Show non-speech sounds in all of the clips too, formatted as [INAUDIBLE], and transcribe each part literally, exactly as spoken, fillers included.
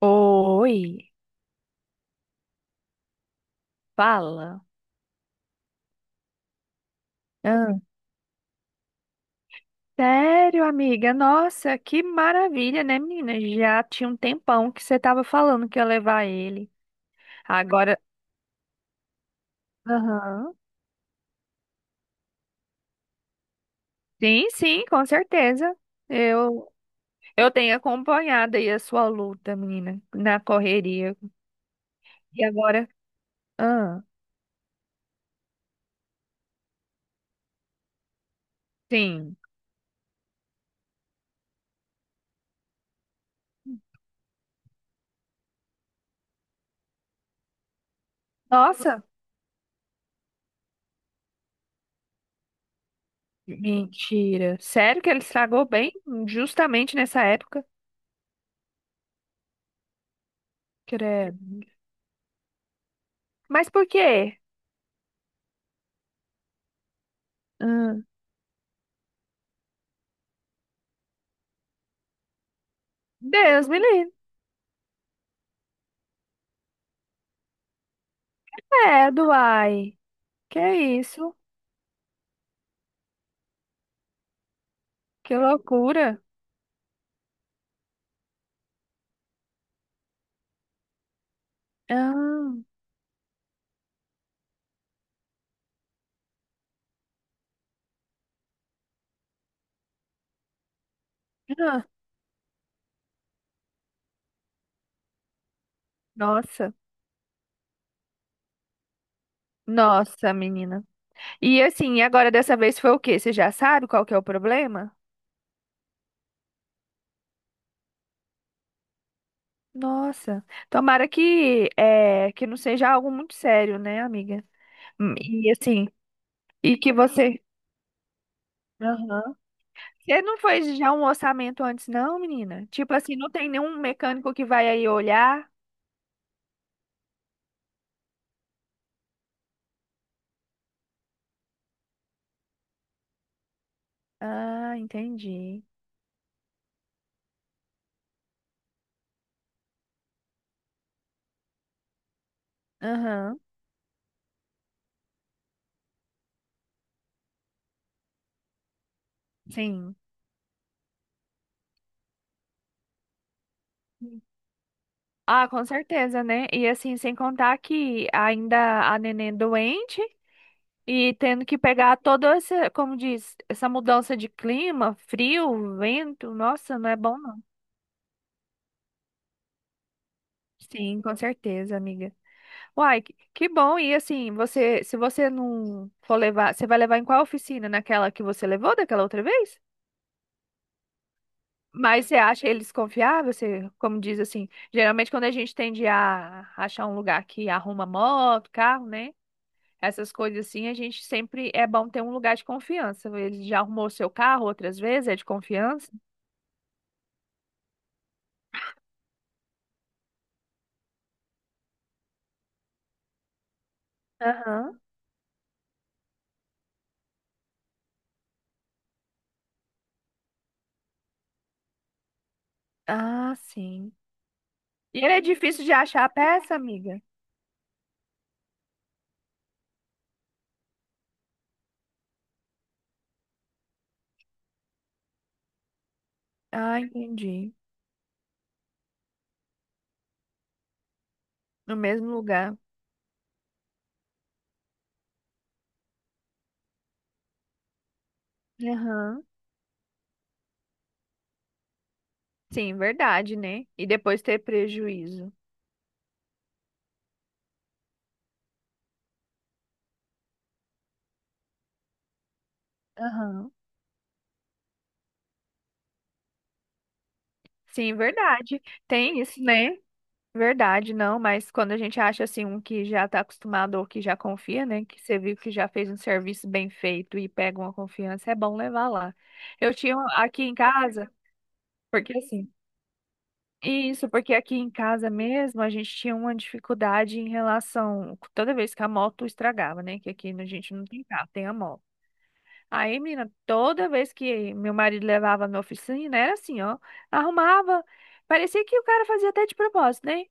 Oi, fala. Ah, sério, amiga? Nossa, que maravilha, né, menina? Já tinha um tempão que você tava falando que ia levar ele. Agora, aham. Sim, sim, com certeza. Eu eu tenho acompanhado aí a sua luta, menina, na correria. E agora? Ah, sim. Nossa, mentira. Sério que ele estragou bem justamente nessa época? Credo. Mas por quê? Ah, Deus me livre. Credo, uai. Que é isso? Que loucura. Ah, ah, nossa. Nossa, menina. E assim, agora dessa vez foi o quê? Você já sabe qual que é o problema? Nossa. Tomara que é, que não seja algo muito sério, né, amiga? Hum, E assim, e que você aham. Você não fez já um orçamento antes, não, menina? Tipo assim, não tem nenhum mecânico que vai aí olhar? Ah, entendi. Aham, sim. Ah, com certeza, né? E assim, sem contar que ainda a neném doente e tendo que pegar toda essa, como diz, essa mudança de clima, frio, vento, nossa, não é bom não. Sim, com certeza, amiga. Uai, que, que bom. E assim, você, se você não for levar, você vai levar em qual oficina? Naquela que você levou daquela outra vez? Mas você acha eles confiáveis? Você, como diz assim, geralmente quando a gente tende a achar um lugar que arruma moto, carro, né? Essas coisas assim, a gente sempre é bom ter um lugar de confiança. Ele já arrumou seu carro outras vezes, é de confiança? Aham. Ah, sim. E ele é difícil de achar a peça, amiga? Ah, entendi. No mesmo lugar. Aham. Sim, verdade, né? E depois ter prejuízo. Aham. Sim, verdade. Tem isso, né? Verdade, não, mas quando a gente acha assim um que já está acostumado ou que já confia, né, que você viu que já fez um serviço bem feito e pega uma confiança, é bom levar lá. Eu tinha um aqui em casa, porque assim, isso, porque aqui em casa mesmo a gente tinha uma dificuldade em relação toda vez que a moto estragava, né, que aqui a gente não tem carro, tem a moto. Aí, menina, toda vez que meu marido levava na oficina, era assim, ó. Arrumava. Parecia que o cara fazia até de propósito, né?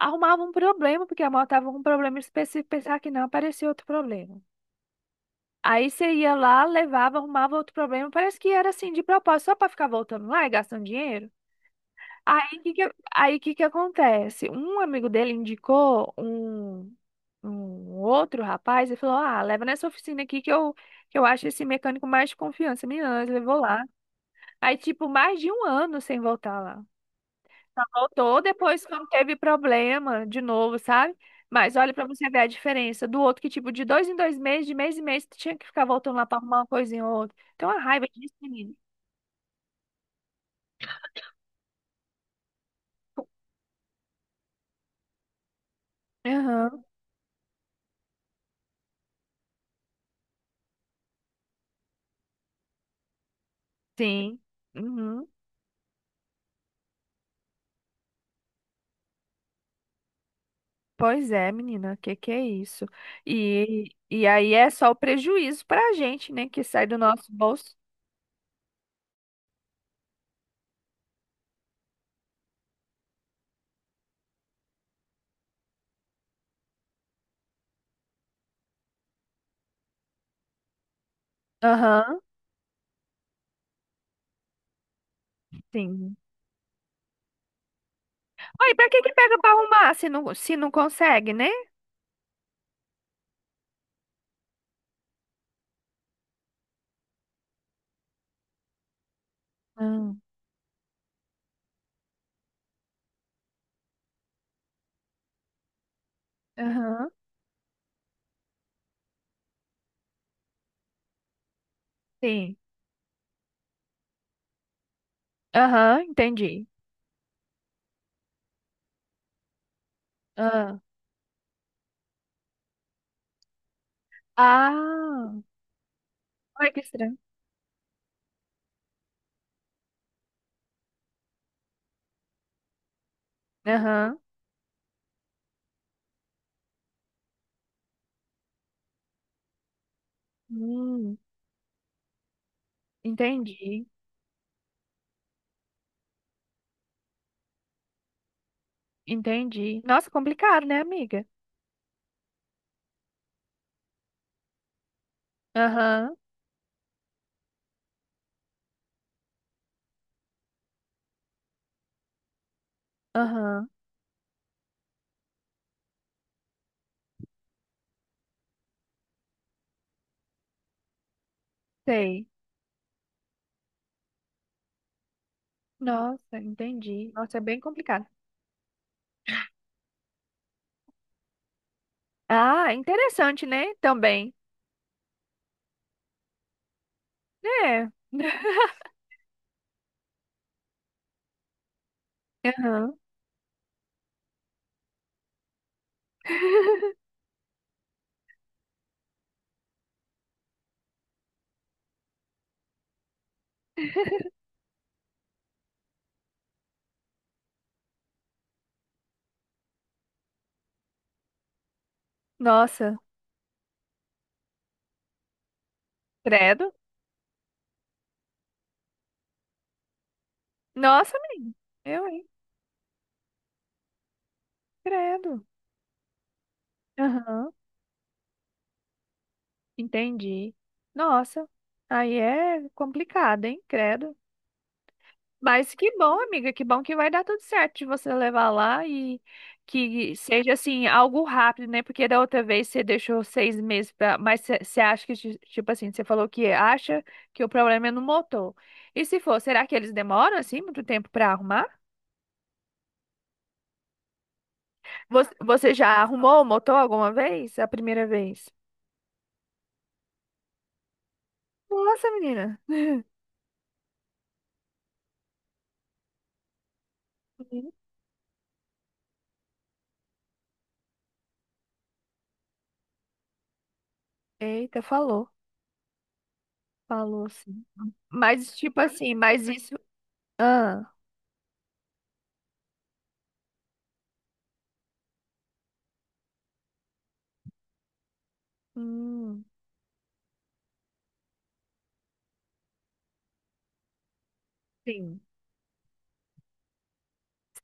Arrumava um problema, porque a moto tava com um problema específico, pensava que não, aparecia outro problema. Aí você ia lá, levava, arrumava outro problema. Parece que era assim, de propósito, só pra ficar voltando lá e gastando dinheiro. Aí que que, aí que que acontece? Um amigo dele indicou um, um outro rapaz e falou: Ah, leva nessa oficina aqui que eu, que eu acho esse mecânico mais de confiança. Meninas levou lá. Aí, tipo, mais de um ano sem voltar lá. Voltou depois quando teve problema de novo, sabe? Mas olha pra você ver a diferença do outro que, tipo, de dois em dois meses, de mês em mês, tu tinha que ficar voltando lá pra arrumar uma coisinha ou outra. Então a raiva disso, menino. Aham, sim. Uhum. Pois é, menina, que que é isso? E, e aí é só o prejuízo pra gente, né, que sai do nosso bolso. Aham, sim. Aí, pra que que pega pra arrumar se não, se não consegue, né? Ah, aham, sim. Aham, entendi. Ah, ah, olha que estranho. Aham, hum, entendi, entendi. Nossa, complicado, né, amiga? Aham, aham, sei. Nossa, entendi. Nossa, é bem complicado. Ah, interessante, né? Também. É. [LAUGHS] Aham. Nossa, credo. Nossa, meu, eu, hein? Credo. Aham, entendi. Nossa, aí é complicado, hein? Credo. Mas que bom, amiga, que bom que vai dar tudo certo de você levar lá e que seja assim, algo rápido, né? Porque da outra vez você deixou seis meses pra. Mas você você acha que, ti- tipo assim, você falou que acha que o problema é no motor. E se for, será que eles demoram assim muito tempo pra arrumar? Você você já arrumou o motor alguma vez? A primeira vez? Nossa, menina. Uhum. Eita, falou. Falou, sim. Mas, tipo assim, mas isso. Ah, hum, sim,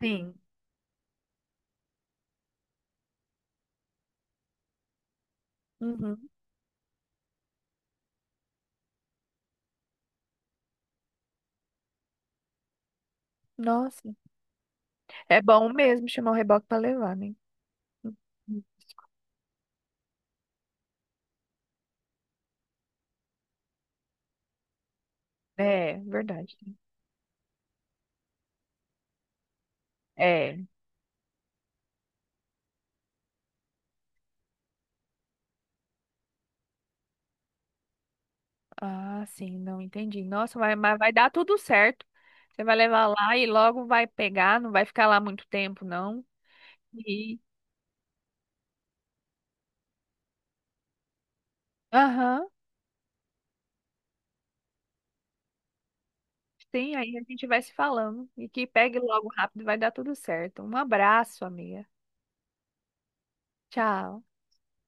sim. Uhum. Nossa. É bom mesmo chamar o reboque pra levar, né? Uhum. É, verdade. É. Ah, sim, não entendi. Nossa, vai, mas vai dar tudo certo. Você vai levar lá e logo vai pegar, não vai ficar lá muito tempo, não. E. Aham. Sim, aí a gente vai se falando. E que pegue logo rápido, vai dar tudo certo. Um abraço, amiga. Tchau.